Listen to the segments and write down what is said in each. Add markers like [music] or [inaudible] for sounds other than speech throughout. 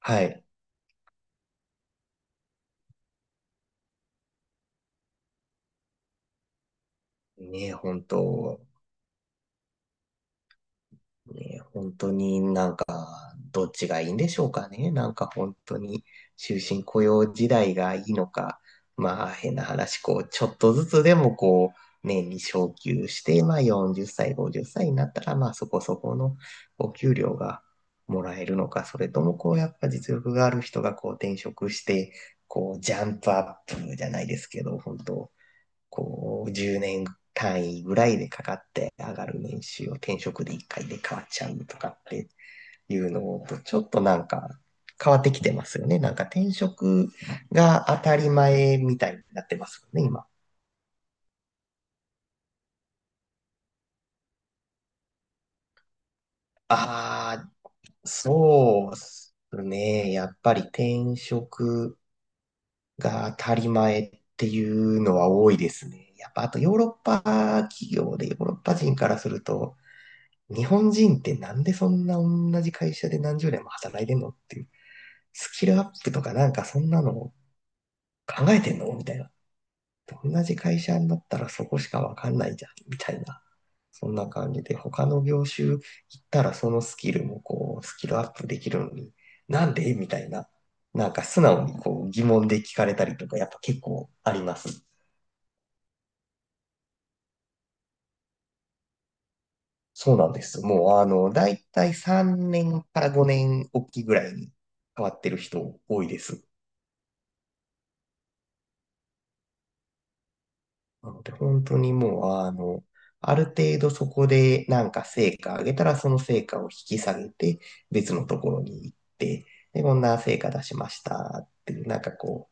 はい。ねえ、本当、ねえ、本当にどっちがいいんでしょうかね。なんか本当に、終身雇用時代がいいのか、まあ変な話、ちょっとずつでも年に昇給して、まあ40歳、50歳になったら、まあそこそこのお給料がもらえるのか、それともやっぱ実力がある人が転職して、ジャンプアップじゃないですけど、本当、10年単位ぐらいでかかって上がる年収を転職で1回で変わっちゃうとかっていうのと、ちょっと変わってきてますよね。なんか転職が当たり前みたいになってますよね、今。ああ、そうっすね。やっぱり転職が当たり前っていうのは多いですね。やっぱあとヨーロッパ企業でヨーロッパ人からすると、日本人ってなんでそんな同じ会社で何十年も働いてんのっていう、スキルアップとかそんなの考えてんのみたいな。同じ会社になったらそこしかわかんないじゃん、みたいな。そんな感じで、他の業種行ったらそのスキルもスキルアップできるのに、なんでみたいな。なんか素直に疑問で聞かれたりとか、やっぱ結構あります。そうなんです。もうだいたい3年から5年おきぐらいに変わってる人多いです。なので、本当にもう、ある程度そこでなんか成果上げたら、その成果を引き下げて、別のところに行って、で、こんな成果出しましたっていう、なんかこ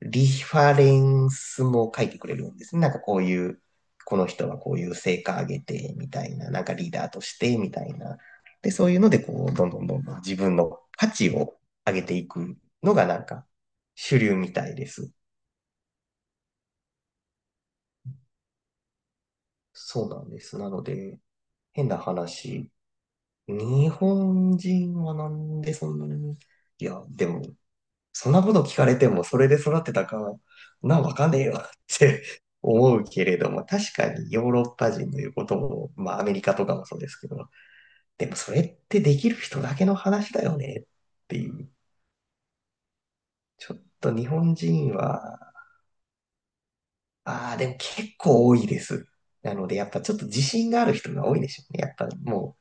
う、リファレンスも書いてくれるんですね。なんかこういう、この人はこういう成果上げて、みたいな、なんかリーダーとして、みたいな。で、そういうので、どんどん自分の価値を上げていくのが、主流みたいです。そうなんです。なので、変な話。日本人はなんでそんなに、いや、でも、そんなこと聞かれても、それで育ってたか、なんわかんねえよって [laughs] 思うけれども、確かにヨーロッパ人の言うことも、まあアメリカとかもそうですけど、でもそれってできる人だけの話だよねっていう。ちょっと日本人は、ああ、でも結構多いです。なので、やっぱちょっと自信がある人が多いでしょうね。やっぱも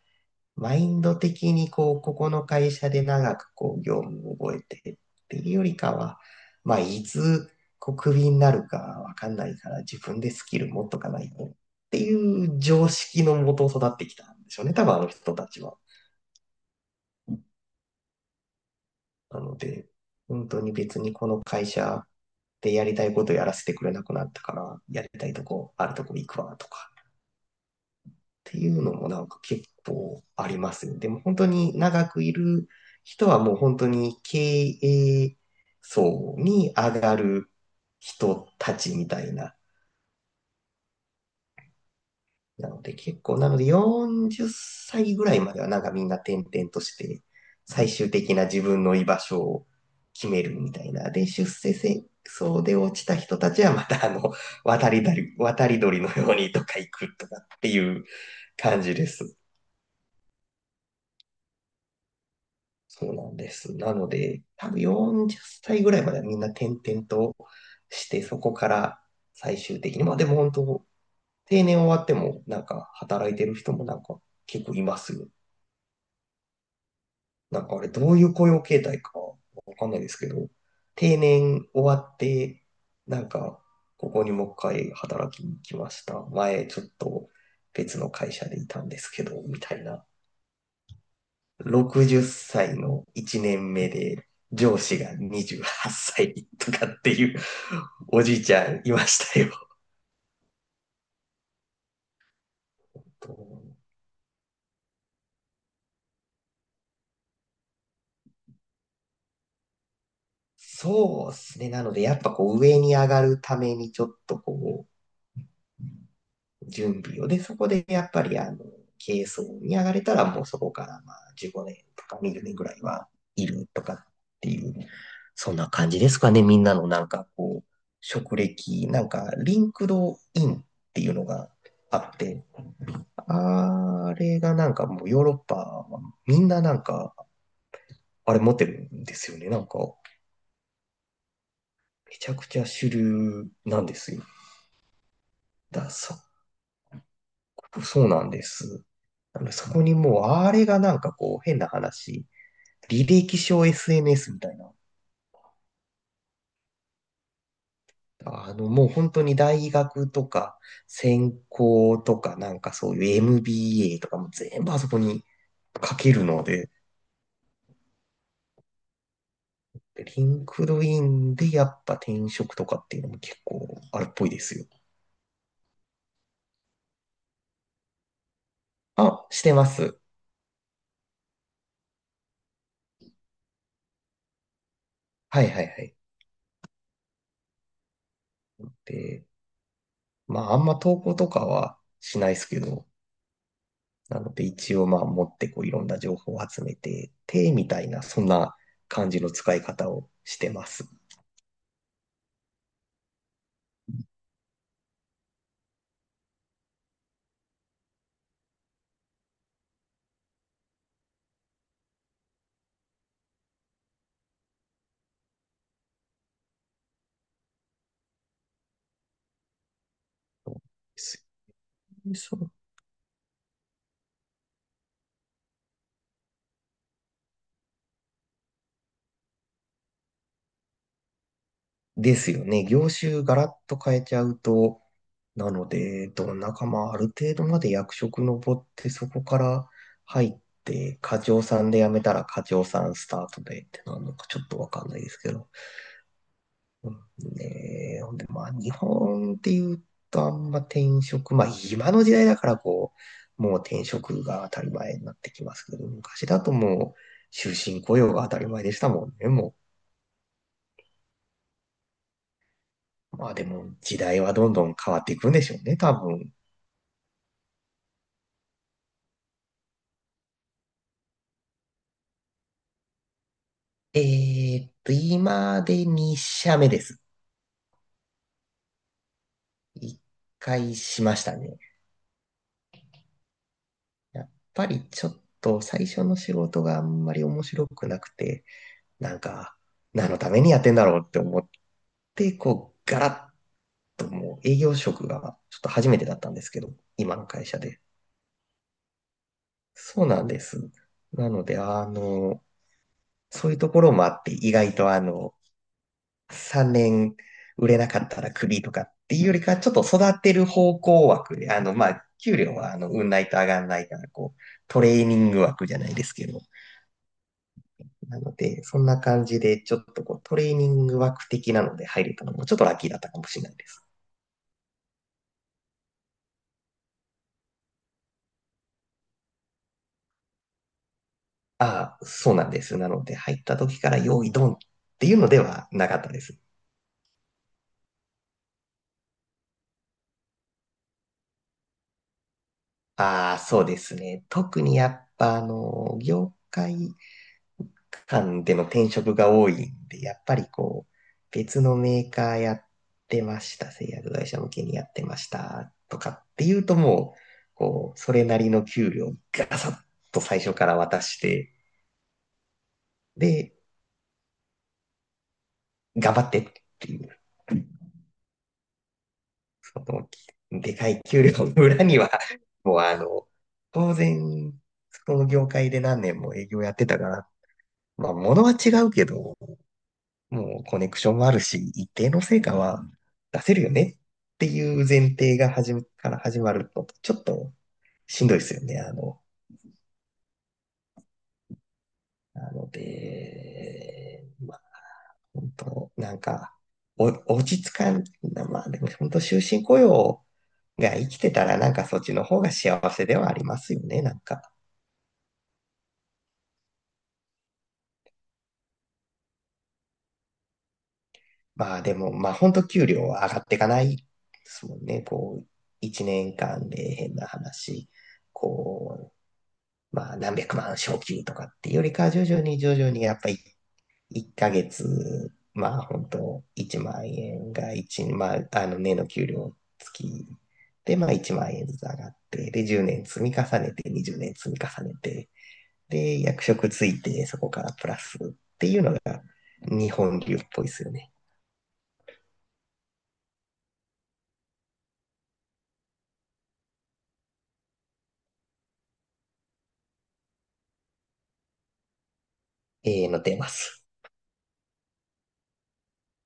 うマインド的にここの会社で長く業務を覚えてっていうよりかは、まあ、いつ、クビになるかわかんないから、自分でスキル持っとかないとっていう常識のもと育ってきたんでしょうね、多分あの人たちは。なので、本当に別にこの会社でやりたいことやらせてくれなくなったから、やりたいとこ、あるとこ行くわとか、ていうのも結構ありますね。でも本当に長くいる人はもう本当に経営層に上がる人たちみたいな。なので結構、なので40歳ぐらいまではなんかみんな転々として最終的な自分の居場所を決めるみたいな。で、出世戦争で落ちた人たちはまた渡り鳥のようにとか行くとかっていう感じです。そうなんです。なので、多分40歳ぐらいまではみんな転々として、そこから最終的に、まあでも本当、定年終わっても、なんか働いてる人もなんか結構いますよ。なんかあれ、どういう雇用形態かわかんないですけど、定年終わって、なんか、ここにもう一回働きに来ました。前、ちょっと別の会社でいたんですけど、みたいな。60歳の1年目で、上司が28歳とかっていうおじいちゃんいましたよ。そうですね。なので、やっぱ上に上がるためにちょっと準備を。で、そこでやっぱり軽装に上がれたらもうそこからまあ15年とか20年ぐらいはいるとかっていう、そんな感じですかね。みんなのなんか職歴、なんかリンクドインっていうのがあって、あれがなんかもうヨーロッパはみんななんかあれ持ってるんですよね。なんかめちゃくちゃ主流なんですよ。だ、そ、そうなんです。そこにもうあれがなんかこう変な話、履歴書 SNS みたいな。あのもう本当に大学とか専攻とかなんかそういう MBA とかも全部あそこに書けるので、リンクドインでやっぱ転職とかっていうのも結構あるっぽいですよ。あ、してます。はいはいはい。で、まああんま投稿とかはしないですけど、なので一応まあ持ってこういろんな情報を集めて、手みたいなそんな感じの使い方をしてます。そうそうですよね。業種ガラッと変えちゃうと、なので、どんなかまあある程度まで役職登ってそこから入って、課長さんで辞めたら課長さんスタートでってなるのかちょっとわかんないですけど。うんねえ、ほんで、まあ、日本っていうと、あんま転職、まあ、今の時代だから、もう転職が当たり前になってきますけど、昔だともう、終身雇用が当たり前でしたもんね、もう。まあ、でも、時代はどんどん変わっていくんでしょうね、多分。今で2社目です。1回しましたね。やっぱりちょっと最初の仕事があんまり面白くなくて、なんか、何のためにやってんだろうって思っで、ガラッともう営業職がちょっと初めてだったんですけど、今の会社で。そうなんです。なので、そういうところもあって、意外と3年売れなかったらクビとかっていうよりか、ちょっと育てる方向枠で、まあ、給料は運ないと上がんないから、トレーニング枠じゃないですけど、なので、そんな感じで、ちょっとトレーニング枠的なので入れたのも、ちょっとラッキーだったかもしれないです。ああ、そうなんです。なので、入った時から用意ドンっていうのではなかったです。ああ、そうですね。特にやっぱ、業界間での転職が多いんで、やっぱり別のメーカーやってました、製薬会社向けにやってましたとかっていうともう、それなりの給料ガサッと最初から渡して、で、頑張ってっていう。そのでかい給料の裏には、[laughs] もう当然、その業界で何年も営業やってたから、まあ、物は違うけど、もうコネクションもあるし、一定の成果は出せるよねっていう前提が始めから始まると、ちょっとしんどいですよね。なので、まあ、本当なんか、お落ち着かん、まあでも本当終身雇用が生きてたら、なんかそっちの方が幸せではありますよね、なんか。まあでも、まあ本当給料は上がっていかないですもんね。1年間で変な話、こまあ何百万昇給とかっていうよりか徐々に徐々にやっぱり1ヶ月、まあ本当1万円が一まああの年の給料付きでまあ1万円ずつ上がって、で10年積み重ねて20年積み重ねて、で役職ついてそこからプラスっていうのが日本流っぽいですよね。永遠のテーマです。